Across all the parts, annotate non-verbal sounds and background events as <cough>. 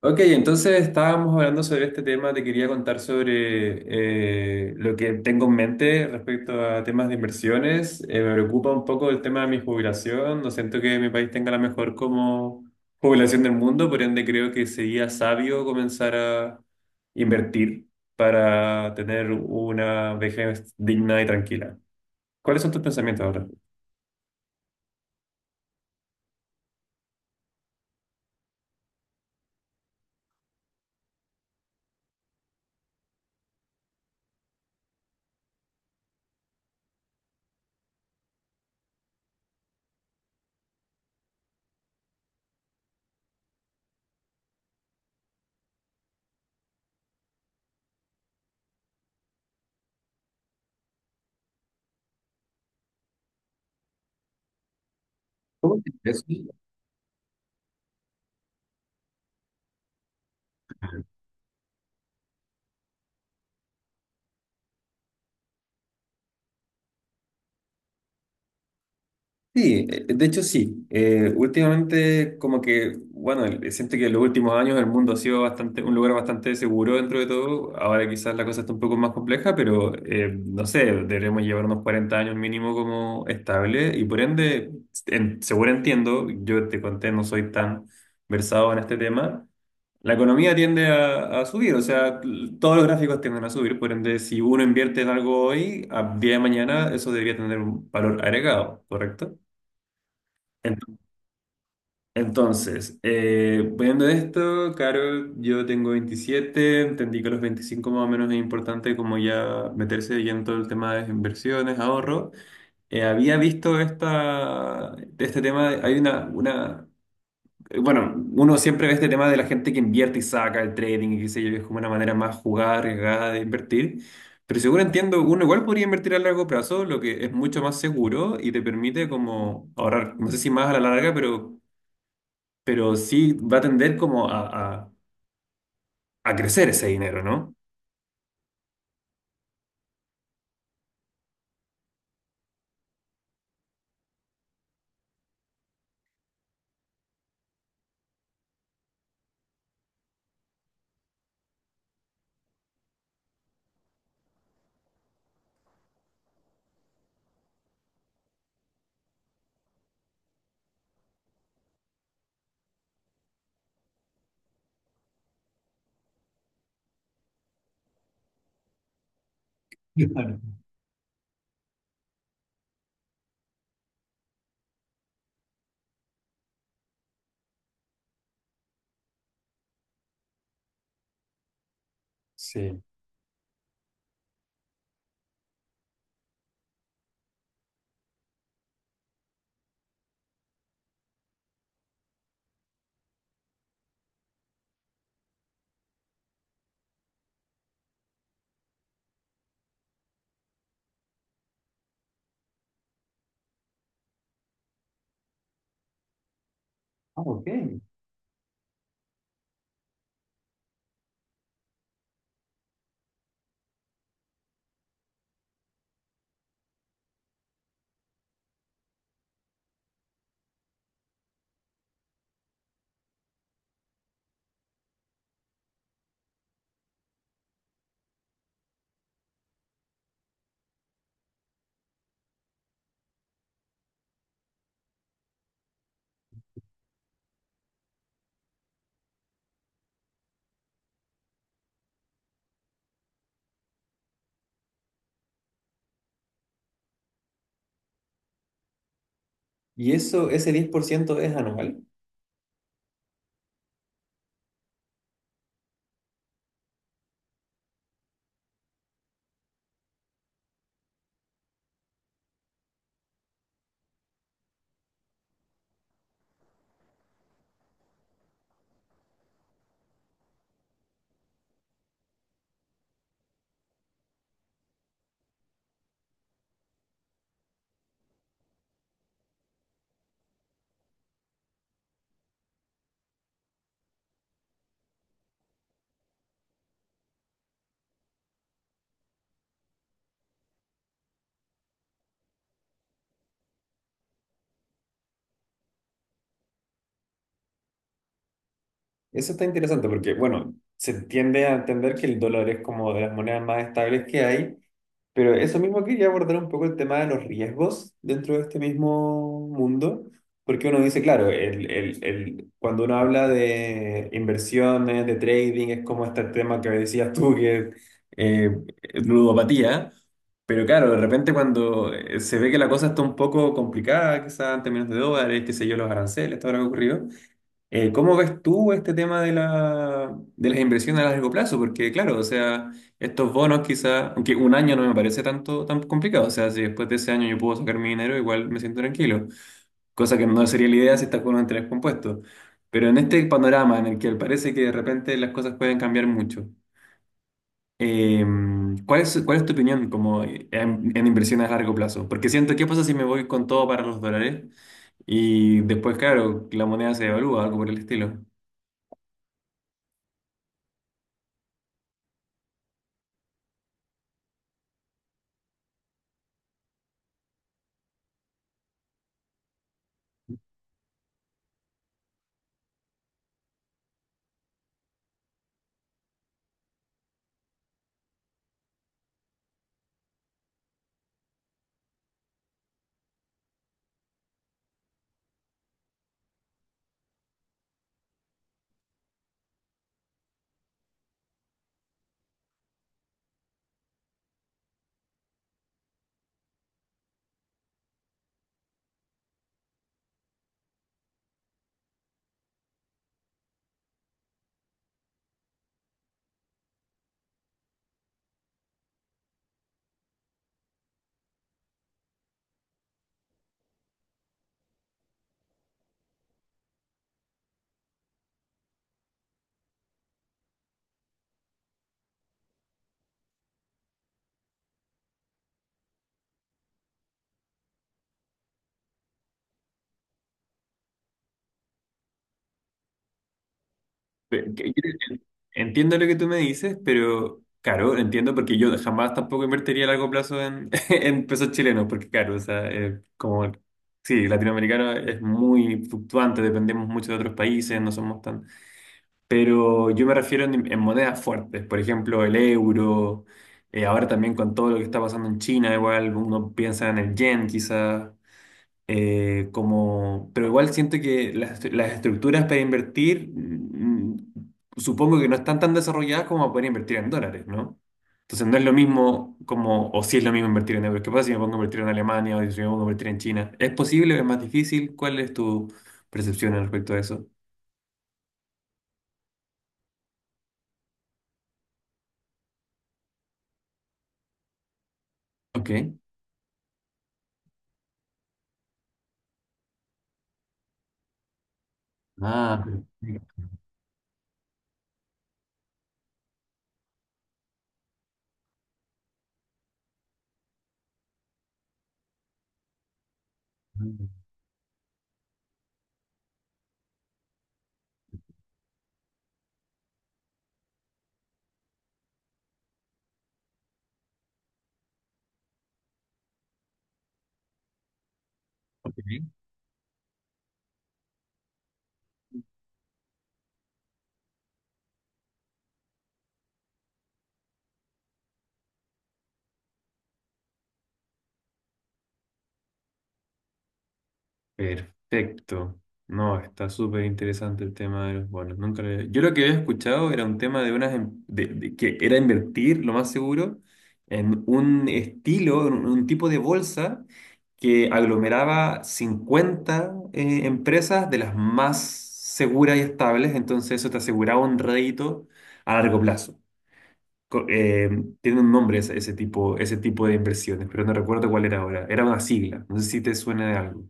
Ok, entonces estábamos hablando sobre este tema, te quería contar sobre lo que tengo en mente respecto a temas de inversiones. Me preocupa un poco el tema de mi jubilación, no siento que mi país tenga la mejor como jubilación del mundo, por ende creo que sería sabio comenzar a invertir para tener una vejez digna y tranquila. ¿Cuáles son tus pensamientos ahora? ¿Cómo que eso? Sí, de hecho sí. Últimamente como que, bueno, siento que en los últimos años el mundo ha sido bastante, un lugar bastante seguro dentro de todo. Ahora quizás la cosa está un poco más compleja, pero no sé, deberíamos llevar unos 40 años mínimo como estable y por ende, seguro entiendo, yo te conté, no soy tan versado en este tema. La economía tiende a subir, o sea, todos los gráficos tienden a subir, por ende, si uno invierte en algo hoy, a día de mañana eso debería tener un valor agregado, ¿correcto? Ent- Entonces, viendo esto, Caro, yo tengo 27, entendí que a los 25 más o menos es importante como ya meterse ya en todo el tema de inversiones, ahorro. Había visto esta, este tema, hay bueno, uno siempre ve este tema de la gente que invierte y saca el trading y qué sé yo, es como una manera más jugada, arriesgada de invertir. Pero seguro entiendo, uno igual podría invertir a largo plazo, lo que es mucho más seguro y te permite como ahorrar, no sé si más a la larga, pero sí va a tender como a, a- a crecer ese dinero, ¿no? Claro. Sí. Ah, ok. Y eso, ese 10% es anual. Eso está interesante porque, bueno, se tiende a entender que el dólar es como de las monedas más estables que hay, pero eso mismo quería abordar un poco el tema de los riesgos dentro de este mismo mundo, porque uno dice, claro, cuando uno habla de inversiones, de trading, es como este tema que decías tú, que eh, ludopatía, pero claro, de repente cuando se ve que la cosa está un poco complicada, quizás en términos de dólares, qué sé yo, los aranceles, todo lo que ha ocurrido, ¿cómo ves tú este tema de la, de las inversiones a largo plazo? Porque claro, o sea, estos bonos quizá, aunque un año no me parece tanto tan complicado, o sea, si después de ese año yo puedo sacar mi dinero, igual me siento tranquilo, cosa que no sería la idea si estás con un interés compuesto. Pero en este panorama en el que parece que de repente las cosas pueden cambiar mucho, eh, ¿cuál es tu opinión como en inversiones a largo plazo? Porque siento, ¿qué pasa si me voy con todo para los dólares y después, claro, la moneda se devalúa, algo por el estilo? Entiendo lo que tú me dices, pero claro, entiendo porque yo jamás tampoco invertiría a largo plazo en, <laughs> en pesos chilenos, porque claro, o sea, como, sí, latinoamericano es muy fluctuante, dependemos mucho de otros países, no somos tan... Pero yo me refiero en monedas fuertes, por ejemplo, el euro, ahora también con todo lo que está pasando en China, igual uno piensa en el yen quizás, como, pero igual siento que las, las estructuras para invertir, supongo que no están tan desarrolladas como para poder invertir en dólares, ¿no? Entonces no es lo mismo como, o si es lo mismo invertir en euros. ¿Qué pasa si me pongo a invertir en Alemania o si me pongo a invertir en China? ¿Es posible? ¿Es más difícil? ¿Cuál es tu percepción al respecto de eso? Ok. Ah, perfecto. Ok. Perfecto. No, está súper interesante el tema de los bonos. Nunca lo había- Yo lo que había escuchado era un tema de unas de que era invertir, lo más seguro, en un estilo, en un tipo de bolsa que aglomeraba 50 empresas de las más seguras y estables, entonces eso te aseguraba un rédito a largo plazo. Co- eh, Tiene un nombre ese, ese tipo de inversiones, pero no recuerdo cuál era ahora. Era una sigla, no sé si te suena de algo.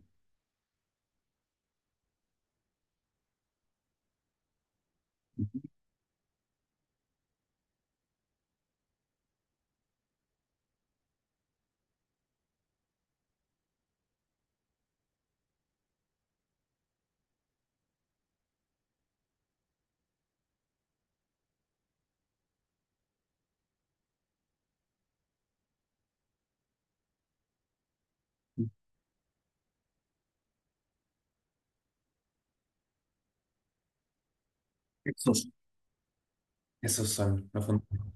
Esos son los fundamentos.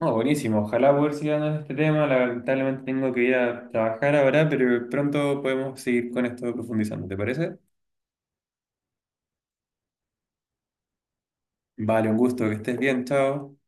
No, buenísimo. Ojalá poder seguir hablando de este tema. Lamentablemente tengo que ir a trabajar ahora, pero pronto podemos seguir con esto profundizando. ¿Te parece? Vale, un gusto. Que estés bien. Chao.